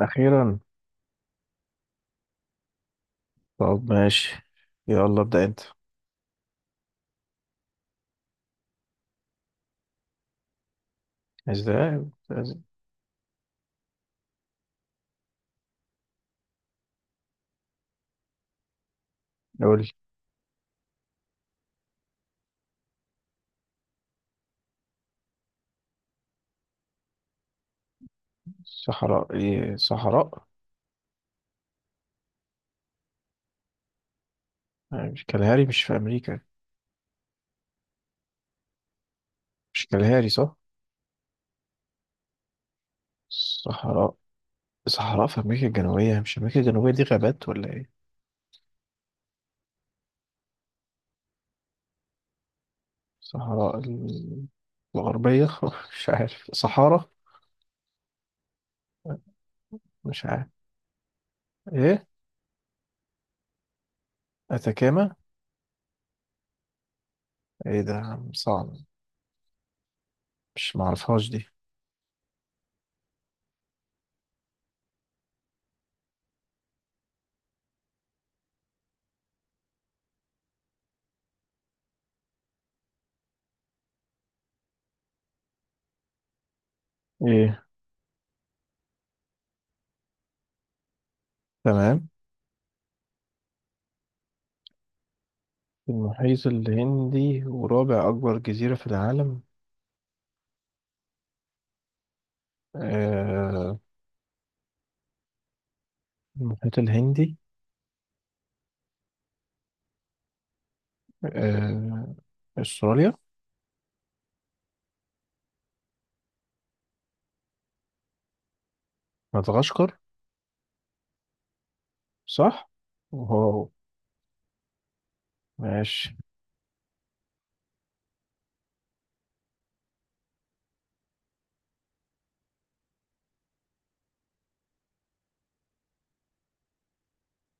أخيرا. طب ماشي. يلا ابدأ أنت. إزاي؟ نقول. صحراء إيه صحراء؟ مش كالهاري، مش في أمريكا. مش كالهاري صح؟ صحراء. صحراء في أمريكا الجنوبية؟ مش أمريكا الجنوبية دي غابات ولا إيه؟ صحراء الغربية مش عارف، صحارى. مش عارف إيه. أتاكاما. إيه ده يا عم؟ صعب. مش معرفهاش دي. إيه. تمام. المحيط الهندي ورابع أكبر جزيرة في العالم. آه، المحيط الهندي. آه، استراليا. مدغشقر. صح. واو. ماشي.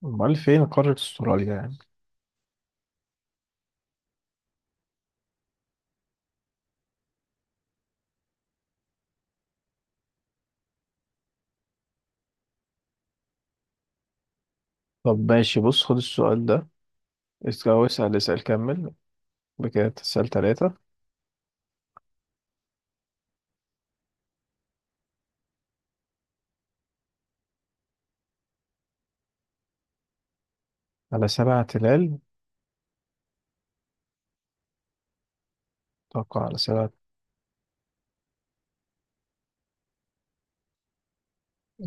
امال فين قارة استراليا يعني؟ طب ماشي، بص خد السؤال ده. أو اسأل اسأل كمل. بكده تسأل ثلاثة. على سبع تلال. توقع على سبع.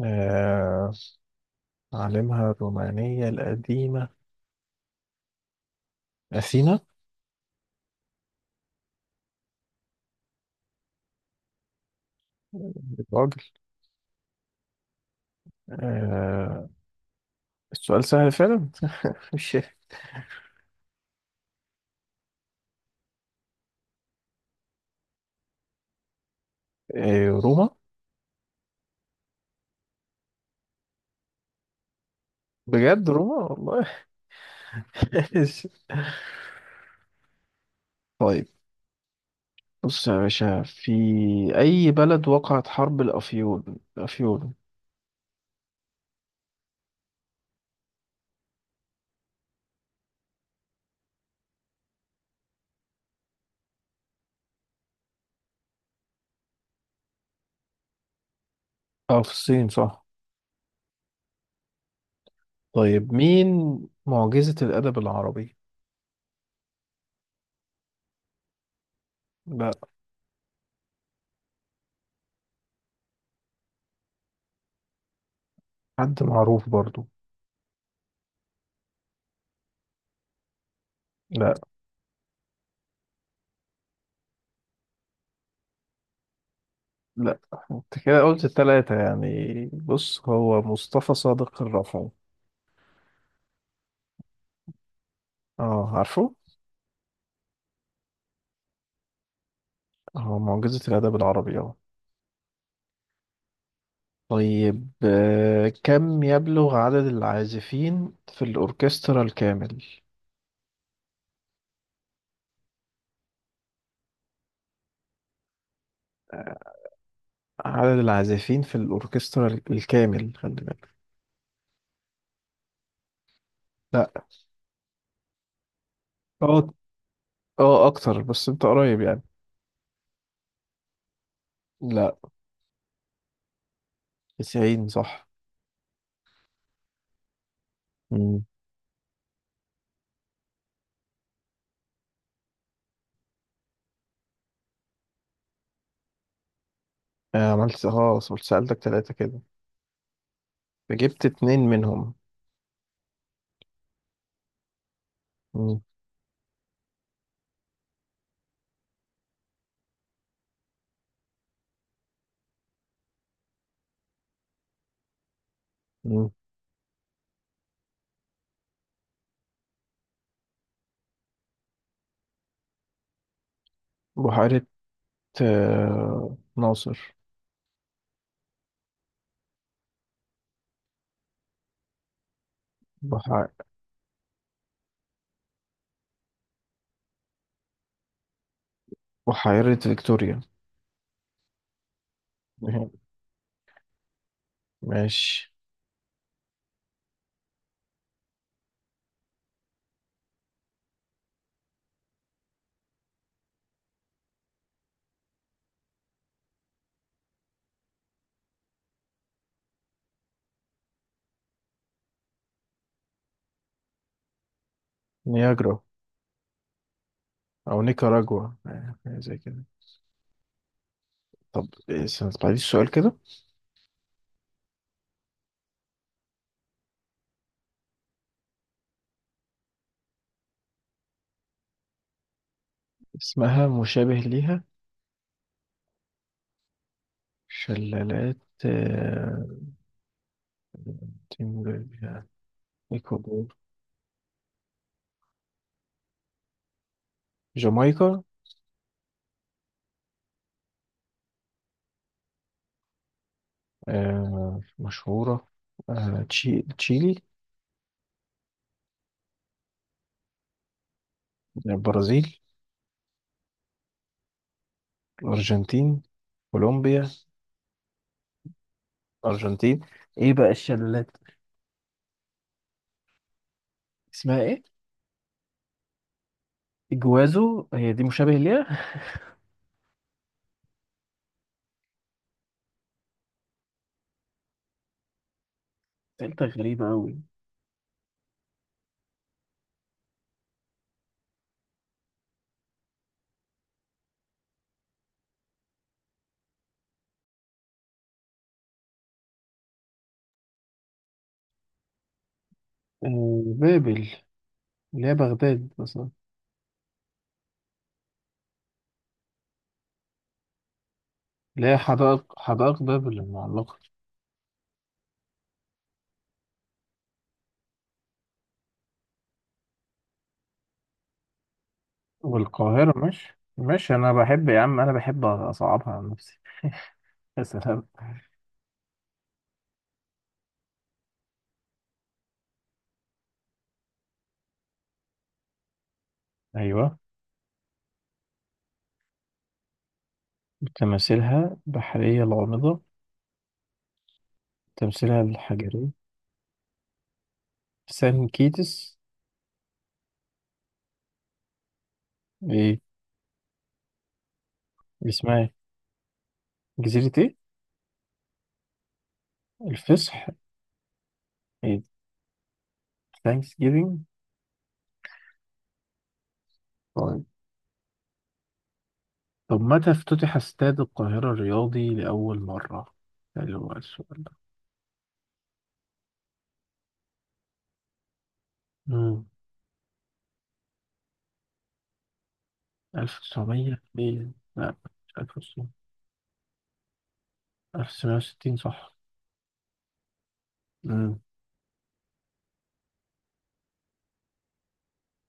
آه... عالمها الرومانية القديمة. أثينا. الراجل. آه... السؤال سهل فعلا. مش. روما. بجد روما والله. طيب، بص يا باشا، في أي بلد وقعت حرب الأفيون؟ الأفيون. اه، في الصين صح. طيب مين معجزة الأدب العربي؟ لا. حد معروف برضو. لا. لا، انت كده قلت التلاتة يعني. بص هو مصطفى صادق الرفعي. اه، عارفه؟ هو معجزة الأدب العربي، اه. طيب، كم يبلغ عدد العازفين في الأوركسترا الكامل؟ عدد العازفين في الأوركسترا الكامل، خلي بالك. لا. اه، اه، اكتر، بس انت قريب يعني. لا. 90 صح. مم. عملت خلاص، قلت سألتك ثلاثة كده. فجبت اتنين منهم. مم. مم. بحيرة. ناصر. بح... بحيرة فيكتوريا. مهم. ماشي. نياجرا. أو نيكاراجوا، حاجة زي كده. طب استنى، بعد السؤال كده. اسمها مشابه ليها. شلالات. آه، تنجل- إكوادور. جامايكا. مشهورة. تشيلي. البرازيل. الأرجنتين. كولومبيا. الأرجنتين. إيه بقى الشلالات؟ اسمها إيه؟ إجوازو. هي دي مشابه ليها؟ سألتها غريبة أوي. بابل، اللي هي بغداد مثلا. اللي هي حدائق بابل المعلقة. والقاهرة ماشي ماشي. أنا بحب يا عم، أنا بحب أصعبها على نفسي. يا سلام. أيوة. تماثيلها بحرية الغامضة. تمثيلها الحجري. سان كيتس. اسمها إيه؟ جزيرة ايه؟ الفصح. ايه. ثانكس جيفينج. طيب. طب متى افتتح استاد القاهرة الرياضي لأول مرة؟ اللي هو السؤال ده. مم. 1900 ليه؟ لا. مش 1900. 1960 صح. مم.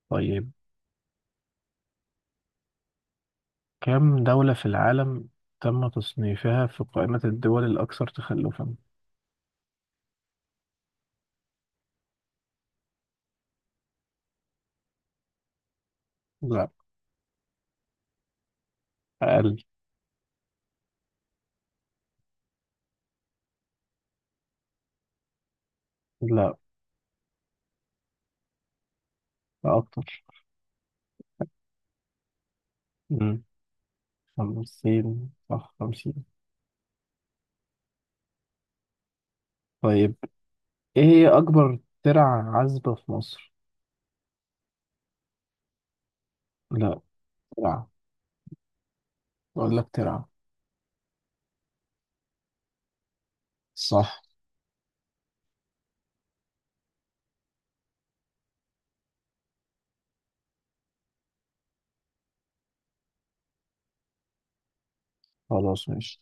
طيب، كم دولة في العالم تم تصنيفها في قائمة الدول الأكثر تخلفا؟ لا. أقل. لا. أكتر. مم. 50 صح، 50. طيب، إيه هي أكبر ترع عزبة في مصر؟ لا. ترعة. بقول لك ترعة. صح. خلاص ماشي.